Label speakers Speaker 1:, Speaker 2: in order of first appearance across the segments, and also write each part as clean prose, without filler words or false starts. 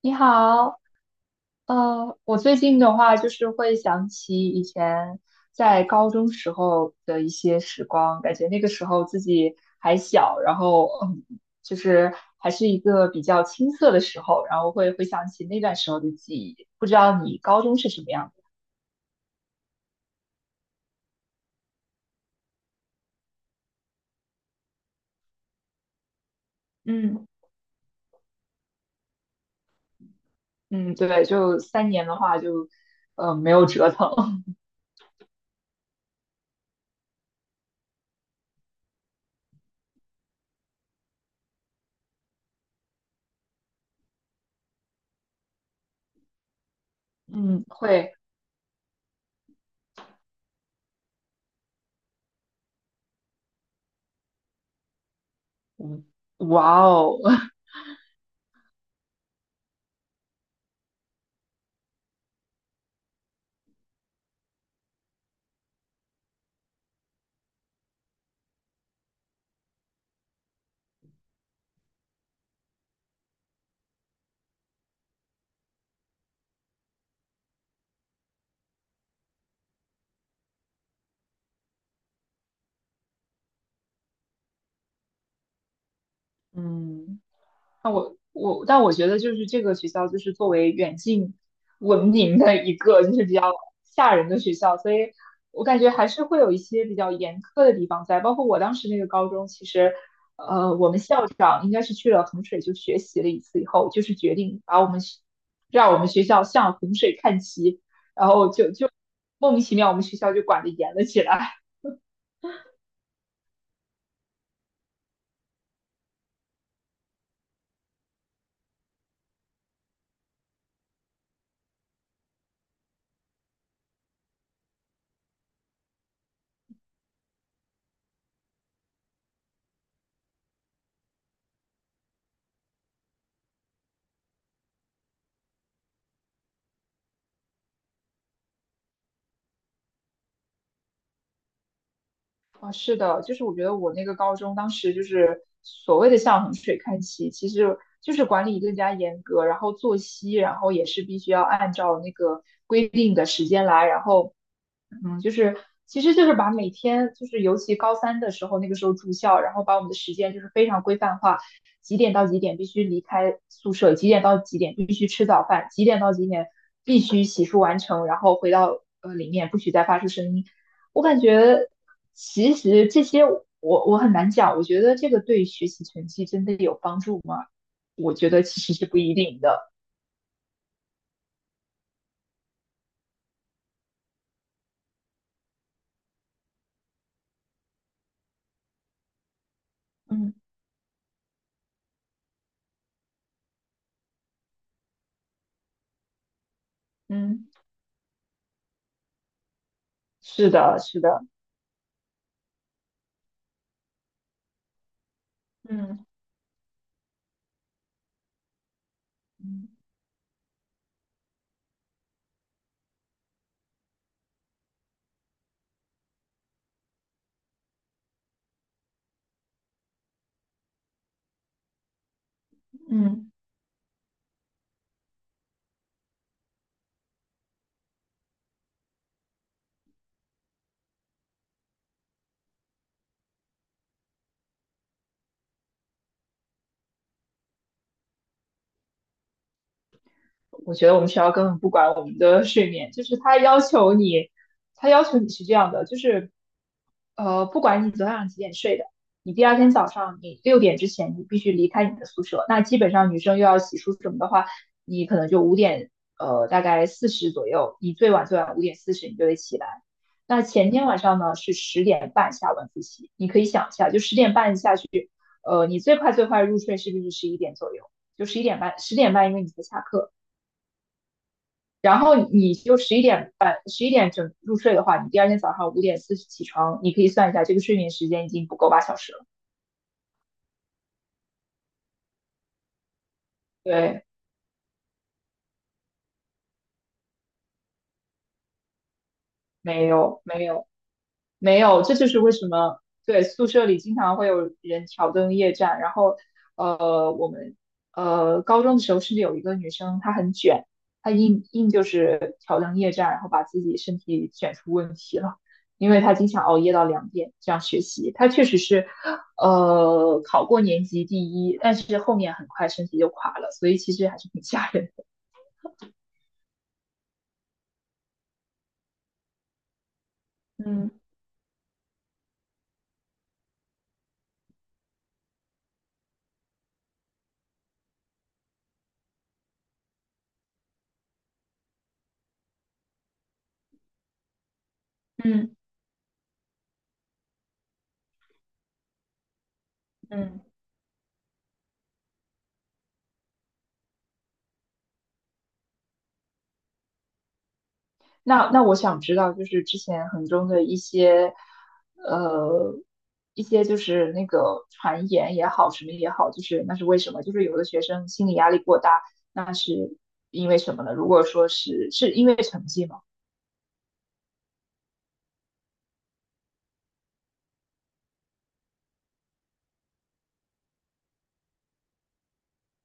Speaker 1: 你好，我最近的话就是会想起以前在高中时候的一些时光，感觉那个时候自己还小，然后就是还是一个比较青涩的时候，然后会回想起那段时候的记忆。不知道你高中是什么样的？嗯，嗯，对，就3年的话就，没有折腾。嗯，会，嗯，哇哦，嗯。那我，但我觉得就是这个学校就是作为远近闻名的一个就是比较吓人的学校，所以我感觉还是会有一些比较严苛的地方在。包括我当时那个高中，其实我们校长应该是去了衡水就学习了一次以后，就是决定把我们学让我们学校向衡水看齐，然后就莫名其妙我们学校就管得严了起来。啊，是的，就是我觉得我那个高中当时就是所谓的向衡水看齐，其实就是管理更加严格，然后作息，然后也是必须要按照那个规定的时间来，然后就是其实就是把每天就是尤其高三的时候，那个时候住校，然后把我们的时间就是非常规范化，几点到几点必须离开宿舍，几点到几点必须吃早饭，几点到几点必须洗漱完成，然后回到里面不许再发出声音。我感觉其实这些我很难讲，我觉得这个对学习成绩真的有帮助吗？我觉得其实是不一定的。嗯，嗯，是的，是的，嗯，嗯，嗯。我觉得我们学校根本不管我们的睡眠，就是他要求你，他要求你是这样的，就是不管你昨天晚上几点睡的，你第二天早上你6点之前你必须离开你的宿舍。那基本上女生又要洗漱什么的话，你可能就五点大概四十左右，你最晚最晚五点四十你就得起来。那前天晚上呢是十点半下晚自习，你可以想一下，就十点半下去，你最快最快入睡是不是十一点左右？就十一点半，十点半因为你才下课。然后你就十一点半、11点整入睡的话，你第二天早上五点四十起床，你可以算一下，这个睡眠时间已经不够8小时了。对，没有没有，没有，这就是为什么。对，宿舍里经常会有人挑灯夜战。然后，我们高中的时候甚至有一个女生，她很卷，她硬硬就是挑灯夜战，然后把自己身体卷出问题了，因为她经常熬夜到2点这样学习。她确实是考过年级第一，但是后面很快身体就垮了，所以其实还是挺吓人的。嗯，嗯，嗯。那我想知道，就是之前衡中的一些，呃，就是那个传言也好，什么也好，就是那是为什么？就是有的学生心理压力过大，那是因为什么呢？如果说是因为成绩吗？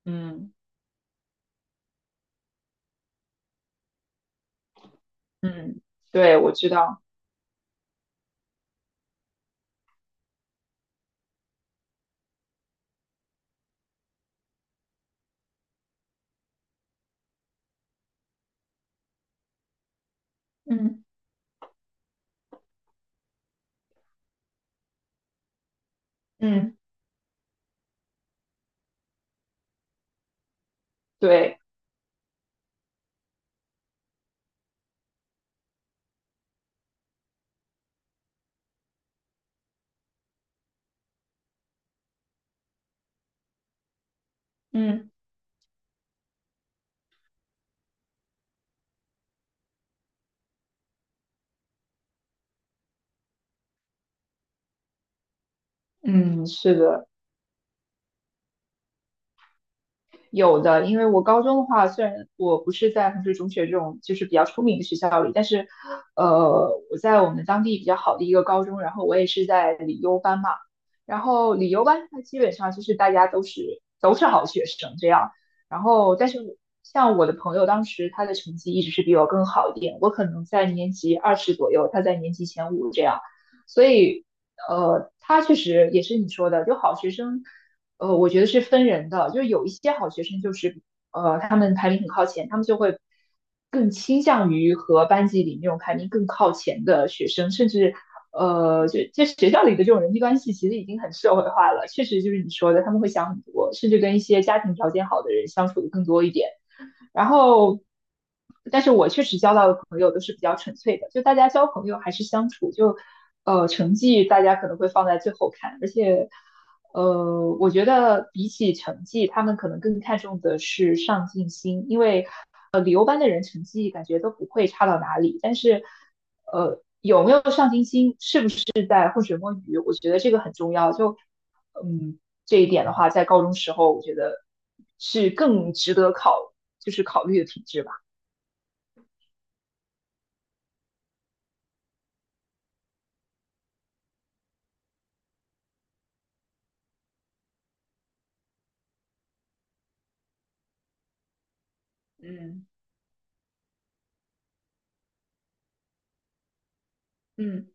Speaker 1: 嗯，嗯，对，我知道，嗯，嗯，对，嗯，嗯，是的。有的，因为我高中的话，虽然我不是在衡水中学这种就是比较出名的学校里，但是，我在我们当地比较好的一个高中，然后我也是在理优班嘛，然后理优班它基本上就是大家都是好学生这样，然后但是像我的朋友当时他的成绩一直是比我更好一点，我可能在年级20左右，他在年级前五这样，所以，他确实也是你说的，就好学生。我觉得是分人的，就是有一些好学生就是，他们排名很靠前，他们就会更倾向于和班级里那种排名更靠前的学生，甚至，呃，就就学校里的这种人际关系其实已经很社会化了，确实就是你说的，他们会想很多，甚至跟一些家庭条件好的人相处的更多一点。然后，但是我确实交到的朋友都是比较纯粹的，就大家交朋友还是相处，就成绩大家可能会放在最后看，而且我觉得比起成绩，他们可能更看重的是上进心，因为旅游班的人成绩感觉都不会差到哪里，但是有没有上进心，是不是？是在浑水摸鱼，我觉得这个很重要。就嗯，这一点的话，在高中时候，我觉得是更值得考，就是考虑的品质吧。嗯，嗯，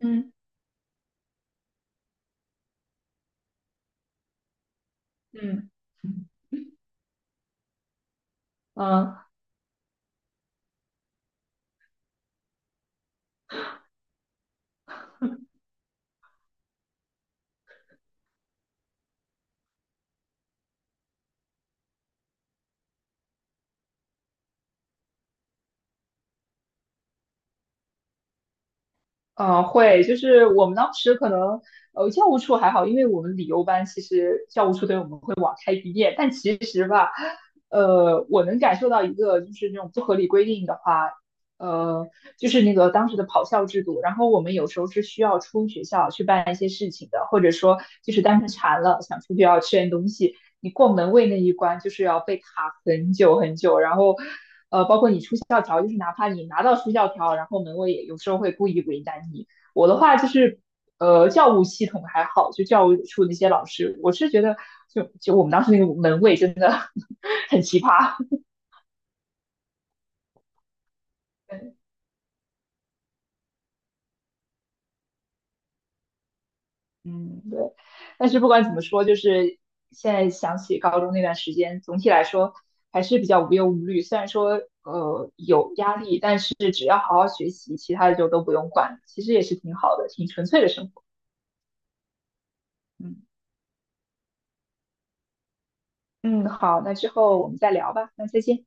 Speaker 1: 嗯，嗯，嗯。会，就是我们当时可能，教务处还好，因为我们理由班其实教务处对我们会网开一面，但其实吧，我能感受到一个就是那种不合理规定的话，呃，就是那个当时的跑校制度，然后我们有时候是需要出学校去办一些事情的，或者说就是单纯馋了想出去要吃点东西，你过门卫那一关就是要被卡很久很久，然后包括你出校条，就是哪怕你拿到出校条，然后门卫也有时候会故意为难你。我的话就是。教务系统还好，就教务处那些老师，我是觉得就我们当时那个门卫真的 很奇葩。嗯，对。但是不管怎么说，就是现在想起高中那段时间，总体来说还是比较无忧无虑。虽然说有压力，但是只要好好学习，其他的就都不用管了，其实也是挺好的，挺纯粹的生活。嗯，嗯，好，那之后我们再聊吧。那再见。